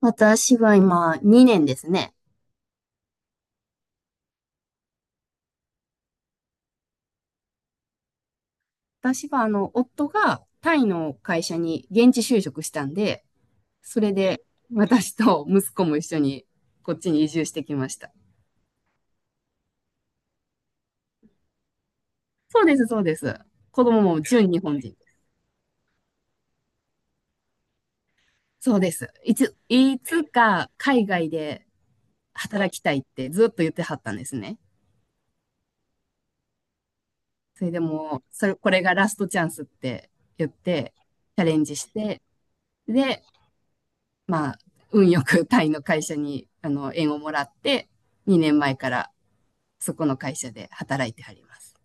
私は今2年ですね。私は夫がタイの会社に現地就職したんで、それで私と息子も一緒にこっちに移住してきました。そうです、そうです。子供も純日本人。そうです。いつか海外で働きたいってずっと言ってはったんですね。それでもう、それ、これがラストチャンスって言って、チャレンジして、で、まあ、運よくタイの会社に、縁をもらって、2年前からそこの会社で働いてはります。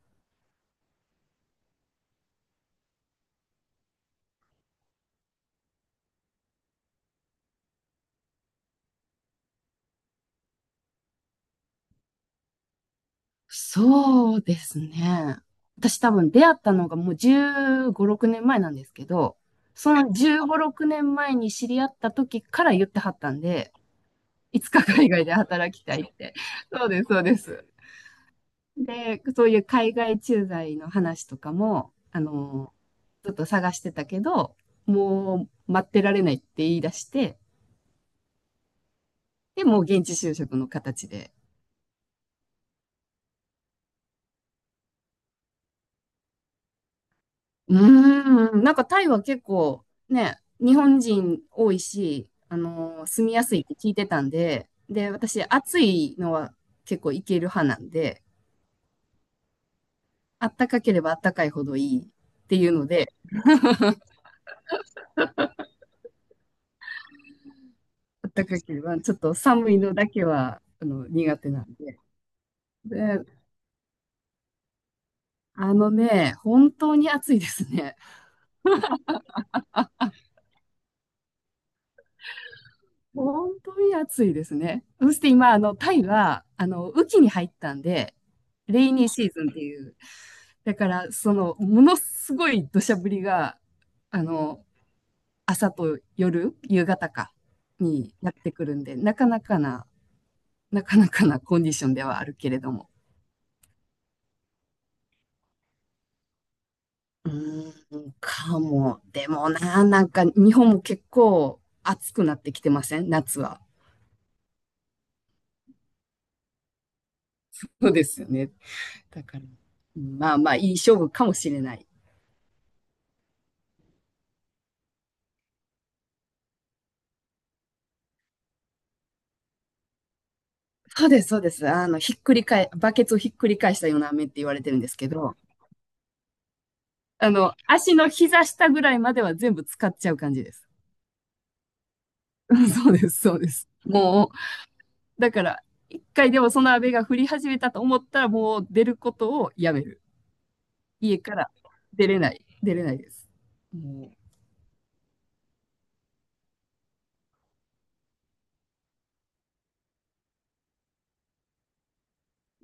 そうですね。私多分出会ったのがもう15、6年前なんですけど、その15、6年前に知り合った時から言ってはったんで、いつか海外で働きたいって。そうです、そうです。で、そういう海外駐在の話とかも、ちょっと探してたけど、もう待ってられないって言い出して、で、もう現地就職の形で。うなんかタイは結構ね、日本人多いし、住みやすいって聞いてたんで、で、私、暑いのは結構いける派なんで、あったかければあったかいほどいいっていうので、あったかければちょっと寒いのだけは、苦手なんで。で、本当に暑いですね。本当に暑いですね。そして今、タイは、雨季に入ったんで、レイニーシーズンっていう、だから、ものすごい土砂降りが、あの、朝と夜、夕方か、にやってくるんで、なかなかなコンディションではあるけれども。うーん、かも。でもな、なんか、日本も結構暑くなってきてません？夏は。そうですよね。だから、まあまあ、いい勝負かもしれない。そうです、そうです。あの、ひっくり返、バケツをひっくり返したような飴って言われてるんですけど、足の膝下ぐらいまでは全部使っちゃう感じです。そうです、そうです。もう、だから、一回でもその飴が降り始めたと思ったら、もう出ることをやめる。家から出れない、出れないです。も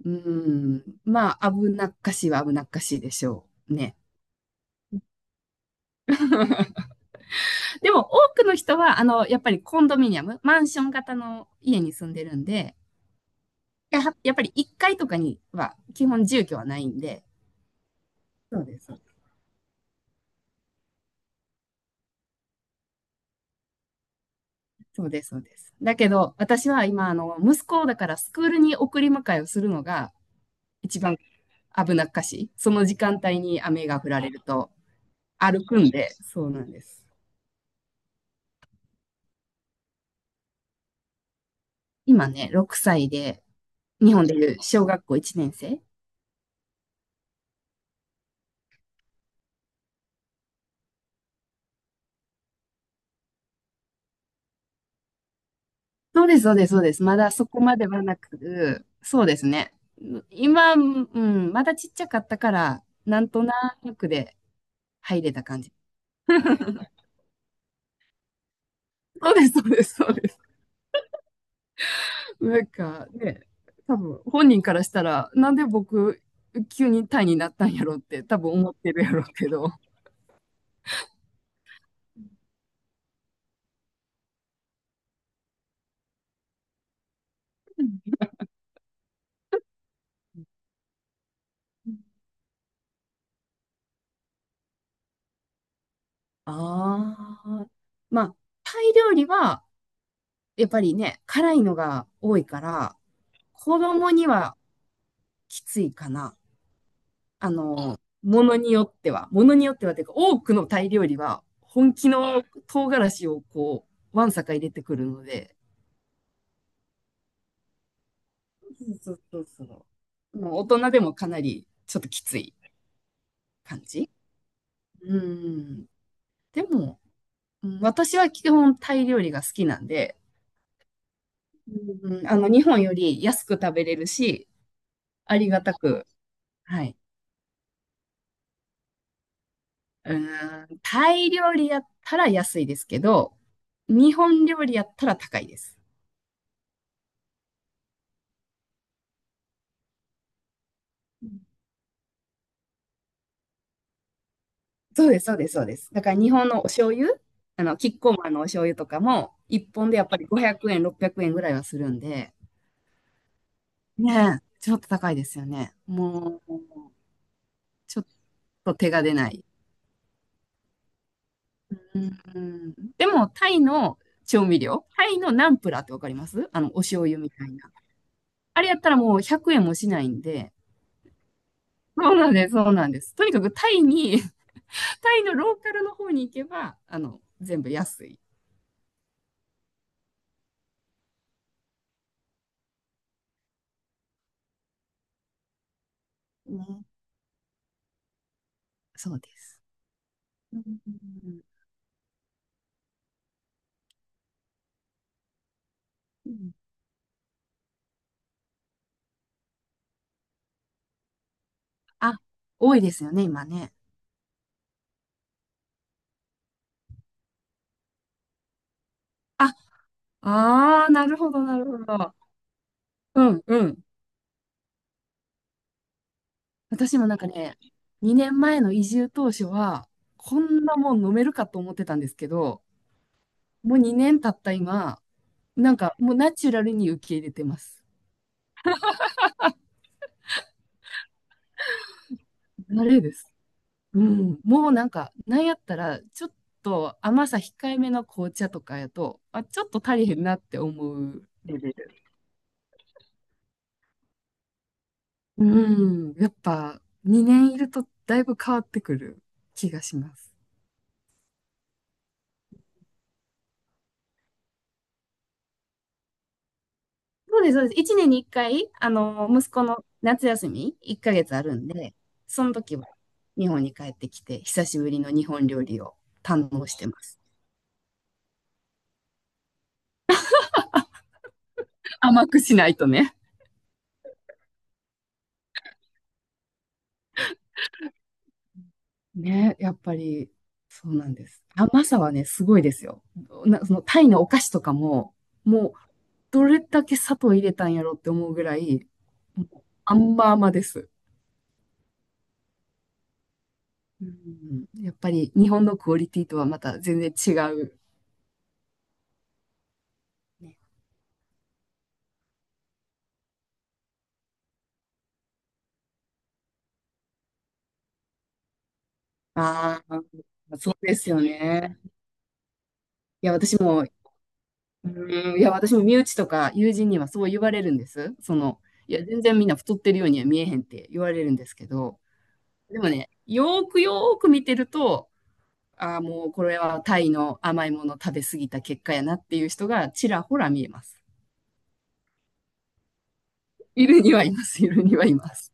う、うーん、まあ、危なっかしいは危なっかしいでしょうね。でも、多くの人は、やっぱりコンドミニアム、マンション型の家に住んでるんで、ややっぱり1階とかには基本住居はないんで、そうです、そうです。そうです、そうです。だけど、私は今、息子をだからスクールに送り迎えをするのが一番危なっかしい。その時間帯に雨が降られると歩くんで、そうなんです。今ね、6歳で、日本でいう小学校1年生。そうです、そうです、そうです。まだそこまではなく、そうですね。今、うん、まだちっちゃかったから、なんとなくで入れた感じ。そうです、そうです、そうです。なんかね、多分本人からしたら、なんで僕、急にタイになったんやろって多分思ってるやろうけど。ああ。まあ、タイ料理は、やっぱりね、辛いのが多いから、子供にはきついかな。ものによっては、ものによってはというか、多くのタイ料理は、本気の唐辛子をこう、わんさか入れてくるので、そうそうそうそう。もう大人でもかなりちょっときつい感じ。うん。でも、うん、私は基本タイ料理が好きなんで、うん、日本より安く食べれるし、ありがたく、はい。うん、タイ料理やったら安いですけど、日本料理やったら高いです。うん、そうです、そうです、そうです。だから日本のお醤油、キッコーマンのお醤油とかも、一本でやっぱり500円、600円ぐらいはするんで、ねえ、ちょっと高いですよね。もう、ちょっと手が出ない。うんうん、でも、タイの調味料、タイのナンプラーってわかります？お醤油みたいな。あれやったらもう100円もしないんで、そうなんです、そうなんです。とにかくタイに、タイのローカルの方に行けば、全部安い。ね、そうです。うんうんうん、あ、多いですよね、今ね。あ、ああ、なるほど、なるほど。うん、うん。私もなんかね、2年前の移住当初は、こんなもん飲めるかと思ってたんですけど、もう2年経った今、なんかもうナチュラルに受け入れてます。慣れです。うん。もうなんか、なんやったら、ちょっと甘さ控えめの紅茶とかやと、あ、ちょっと足りへんなって思うレベル。うん。やっぱ、2年いるとだいぶ変わってくる気がします。そうです、そうです。1年に1回、息子の夏休み1ヶ月あるんで、その時は日本に帰ってきて、久しぶりの日本料理を堪能してます。甘くしないとね。ね、やっぱり、そうなんです。甘さはね、すごいですよ。そのタイのお菓子とかも、もう、どれだけ砂糖入れたんやろって思うぐらい、もう甘々です。うん、やっぱり日本のクオリティとはまた全然違う。ね、ああ、そうですよね。いや、私も、うん、いや、私も身内とか友人にはそう言われるんです。いや、全然みんな太ってるようには見えへんって言われるんですけど、でもね、よーくよーく見てると、ああ、もうこれはタイの甘いもの食べ過ぎた結果やなっていう人がちらほら見えます。いるにはいます、いるにはいます。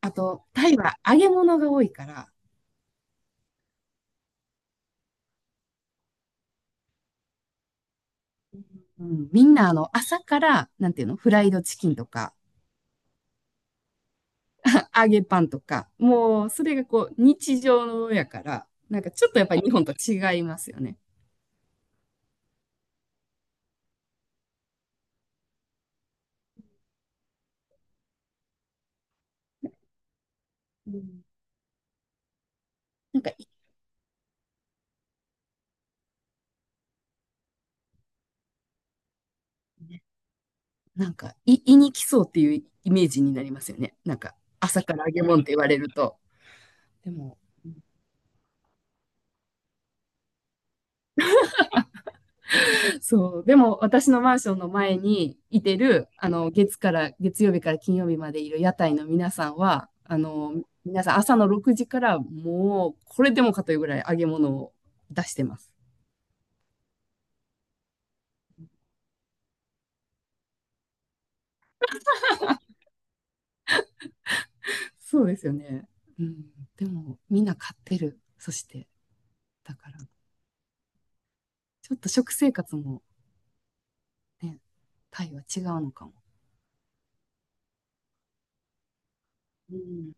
あと、タイは揚げ物が多いから、うん、みんな朝から、なんていうの、フライドチキンとか、揚げパンとか、もうそれがこう日常のやから、なんかちょっとやっぱり日本と違いますよね。うん、なんか、なんかい、胃に来そうっていうイメージになりますよね。なんか、朝から揚げ物って言われると。でも、うん、そう。でも、私のマンションの前にいてる、月曜日から金曜日までいる屋台の皆さんは、皆さん朝の6時からもう、これでもかというぐらい揚げ物を出してます。そうですよね。うん。でも、みんな買ってる。そして、だから、ちょっと食生活もね、タイは違うのかも。うん。